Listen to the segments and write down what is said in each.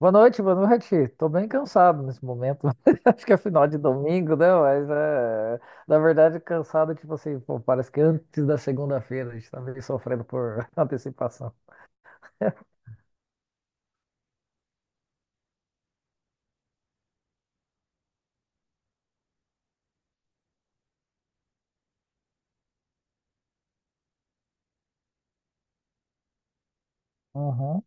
Boa noite, boa noite. Tô bem cansado nesse momento. Acho que é final de domingo, né? Mas é. Na verdade, cansado, tipo assim, pô, parece que antes da segunda-feira a gente tá meio sofrendo por antecipação. Uhum.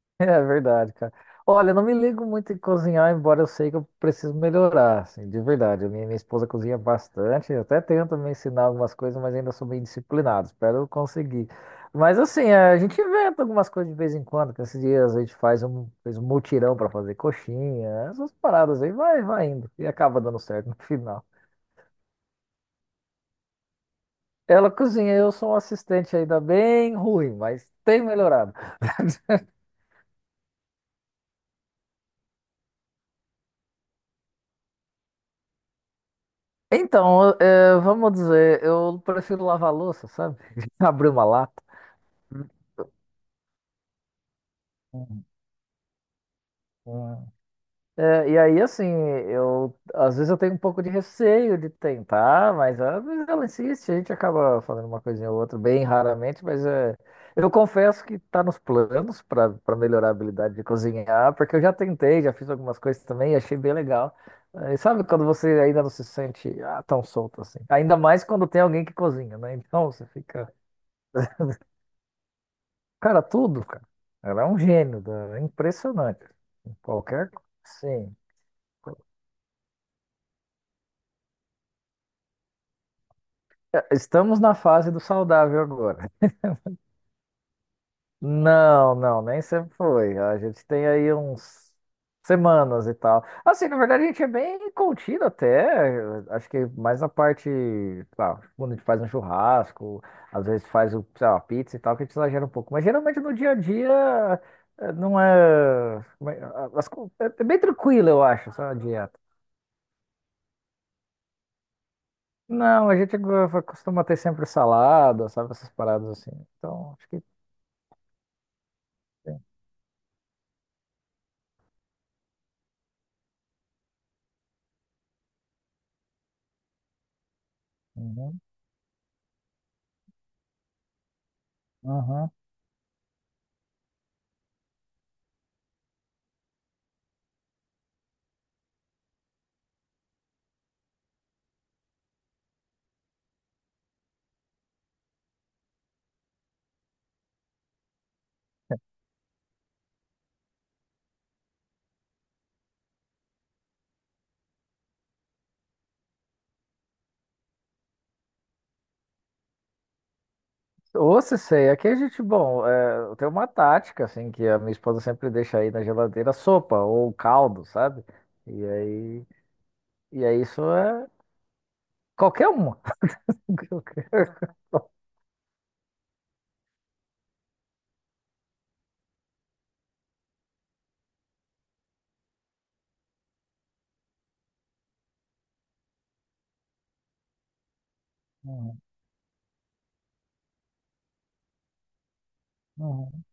É verdade, cara. Olha, eu não me ligo muito em cozinhar, embora eu sei que eu preciso melhorar, assim, de verdade. A minha esposa cozinha bastante, eu até tento me ensinar algumas coisas, mas ainda sou meio indisciplinado, espero eu conseguir. Mas assim, a gente inventa algumas coisas de vez em quando, que esses dias a gente fez um mutirão para fazer coxinha, essas paradas aí, vai indo, e acaba dando certo no final. Ela cozinha, eu sou um assistente ainda bem ruim, mas tem melhorado. Então, vamos dizer, eu prefiro lavar a louça, sabe? Abrir uma lata. Hum, hum. E aí, assim, eu às vezes eu tenho um pouco de receio de tentar, mas às vezes ela insiste, a gente acaba fazendo uma coisinha ou outra, bem raramente, mas é, eu confesso que tá nos planos para melhorar a habilidade de cozinhar, porque eu já tentei, já fiz algumas coisas também e achei bem legal. É. E sabe quando você ainda não se sente tão solto assim? Ainda mais quando tem alguém que cozinha, né? Então você fica. Cara, tudo, cara. Ela é um gênio, é impressionante. Qualquer coisa. Sim. É, Estamos na fase do saudável agora. Não, não, nem sempre foi. A gente tem aí uns semanas e tal. Assim, na verdade, a gente é bem contido até. Acho que mais na parte, sei lá, quando a gente faz um churrasco, às vezes faz o, sei lá, uma pizza e tal, que a gente exagera um pouco. Mas geralmente no dia a dia não é. Como é- as co- É bem tranquilo, eu acho, essa dieta. Não, a gente costuma ter sempre salada, sabe? Essas paradas assim. Então, acho que tem. Uhum, uhum. Ou se sei, aqui a gente, bom, tem uma tática, assim, que a minha esposa sempre deixa aí na geladeira sopa ou caldo, sabe? E aí, e aí, isso é qualquer uma. Qualquer. Uhum, uhum.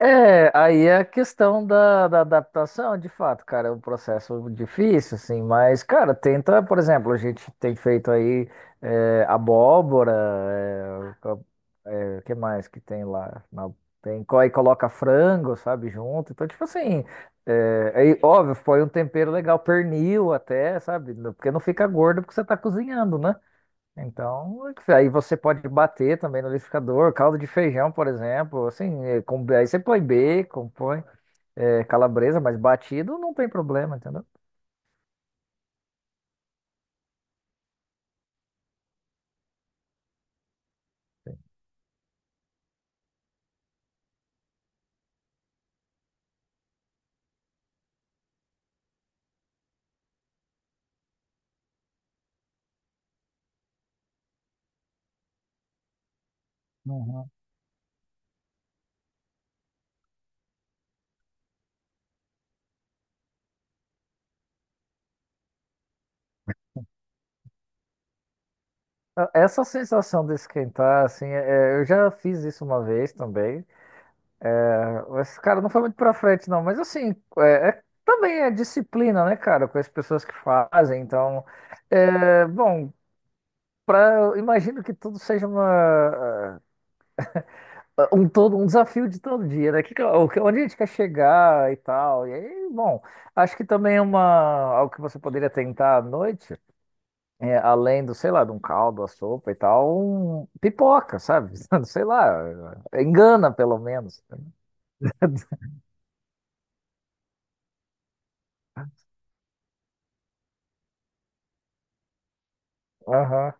É, aí é a questão da adaptação, de fato, cara, é um processo difícil, assim, mas, cara, tenta, por exemplo, a gente tem feito aí abóbora, que mais que tem lá? Tem, aí coloca frango, sabe, junto, então, tipo assim, aí, óbvio, foi um tempero legal, pernil até, sabe, porque não fica gordo porque você tá cozinhando, né? Então, aí você pode bater também no liquidificador, caldo de feijão, por exemplo, assim, aí você põe bacon, põe calabresa, mas batido não tem problema, entendeu? Uhum. Ah, essa sensação de esquentar, assim, eu já fiz isso uma vez também. É, esse cara não foi muito pra frente, não, mas assim, também é disciplina, né, cara, com as pessoas que fazem. Então, bom, Pra, eu imagino que tudo seja um todo, um desafio de todo dia, né? Onde a gente quer chegar e tal. E aí, bom, acho que também é algo que você poderia tentar à noite, além do, sei lá, de um caldo, a sopa e tal, pipoca, sabe? Sei lá, engana pelo menos. Aham.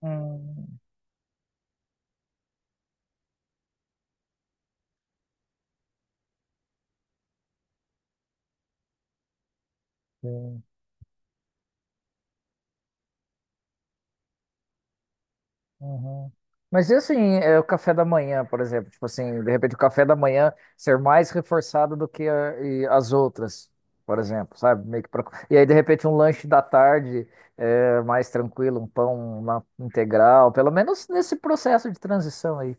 Hum, sim. Uhum. Mas e assim, é o café da manhã, por exemplo, tipo assim, de repente o café da manhã ser mais reforçado do que e as outras, por exemplo, sabe? Meio que pra... E aí, de repente, um lanche da tarde mais tranquilo, um pão uma integral, pelo menos nesse processo de transição aí.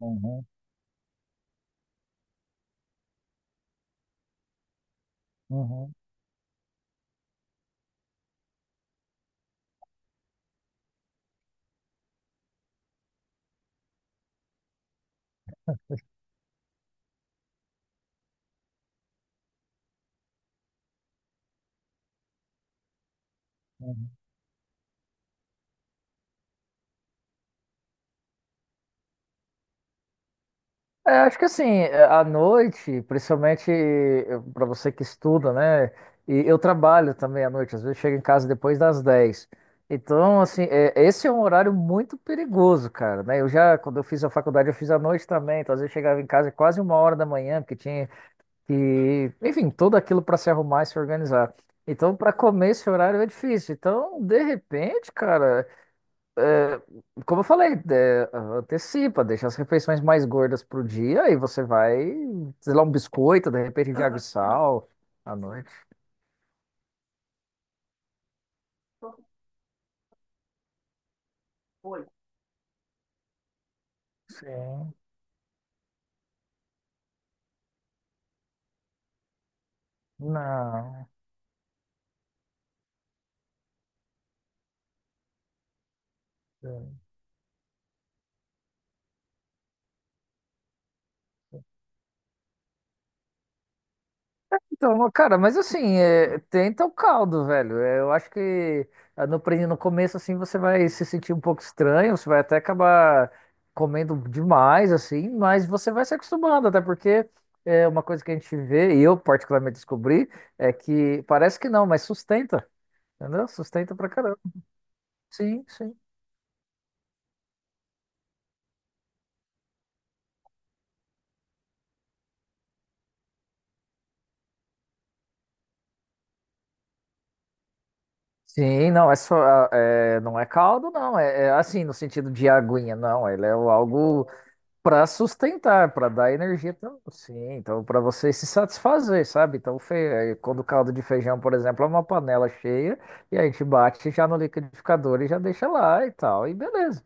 Uhum, uhum, uhum. É, acho que assim, à noite, principalmente para você que estuda, né? E eu trabalho também à noite, às vezes chego em casa depois das 10. Então, assim, esse é um horário muito perigoso, cara, né? Eu já, quando eu fiz a faculdade, eu fiz à noite também, então às vezes eu chegava em casa quase uma hora da manhã, porque tinha que, enfim, tudo aquilo para se arrumar e se organizar. Então, para comer esse horário é difícil. Então, de repente, cara é, como eu falei, antecipa, deixa as refeições mais gordas pro dia e você vai, sei lá, um biscoito, de repente, de água e sal à noite. Sim, não. É. Então, cara, mas assim, tenta o caldo, velho. É, Eu acho que no começo, assim, você vai se sentir um pouco estranho, você vai até acabar comendo demais, assim, mas você vai se acostumando, até porque é uma coisa que a gente vê, e eu particularmente descobri, é que parece que não, mas sustenta, entendeu? Sustenta pra caramba. Sim, sim. Sim, não, é só, não é caldo, não. É assim, no sentido de aguinha, não. Ele é algo. Para sustentar, para dar energia, sim, então para você se satisfazer, sabe? Então, quando o caldo de feijão, por exemplo, é uma panela cheia e a gente bate já no liquidificador e já deixa lá e tal, e beleza.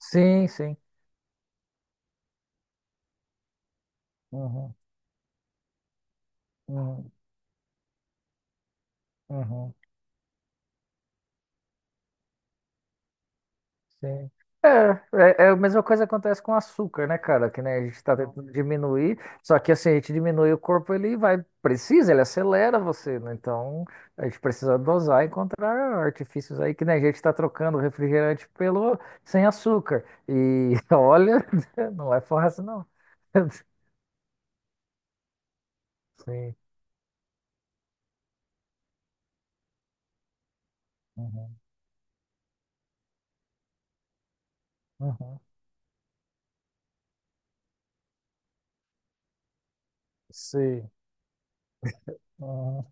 Sim, sim. Uhum, uhum, uhum. Sim. É, É a mesma coisa que acontece com o açúcar, né, cara? Que né, a gente está tentando diminuir, só que assim, a gente diminui o corpo, ele vai, precisa, ele acelera você, né? Então, a gente precisa dosar e encontrar artifícios aí que né, a gente está trocando o refrigerante pelo sem açúcar. E olha, não é fácil, não. Sim. Uhum. Uhum. Sim. Uhum.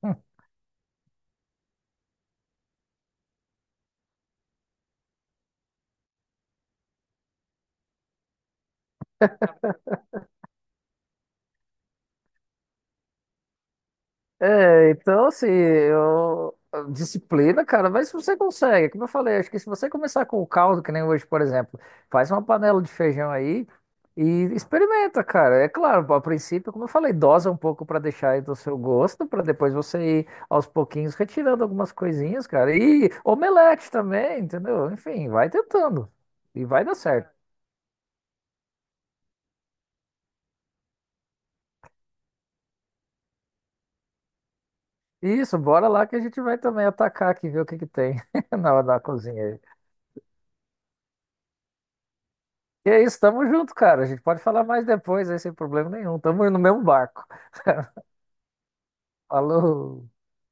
É, então assim, eu... a disciplina, cara, mas você consegue, como eu falei, acho que se você começar com o caldo, que nem hoje, por exemplo, faz uma panela de feijão aí e experimenta, cara. É claro, a princípio, como eu falei, dosa um pouco pra deixar aí do seu gosto, pra depois você ir aos pouquinhos retirando algumas coisinhas, cara. E omelete também, entendeu? Enfim, vai tentando e vai dar certo. Isso, bora lá que a gente vai também atacar aqui, ver o que que tem na cozinha. Aí. E é isso, tamo junto, cara. A gente pode falar mais depois, aí sem problema nenhum. Tamo no mesmo barco. Falou.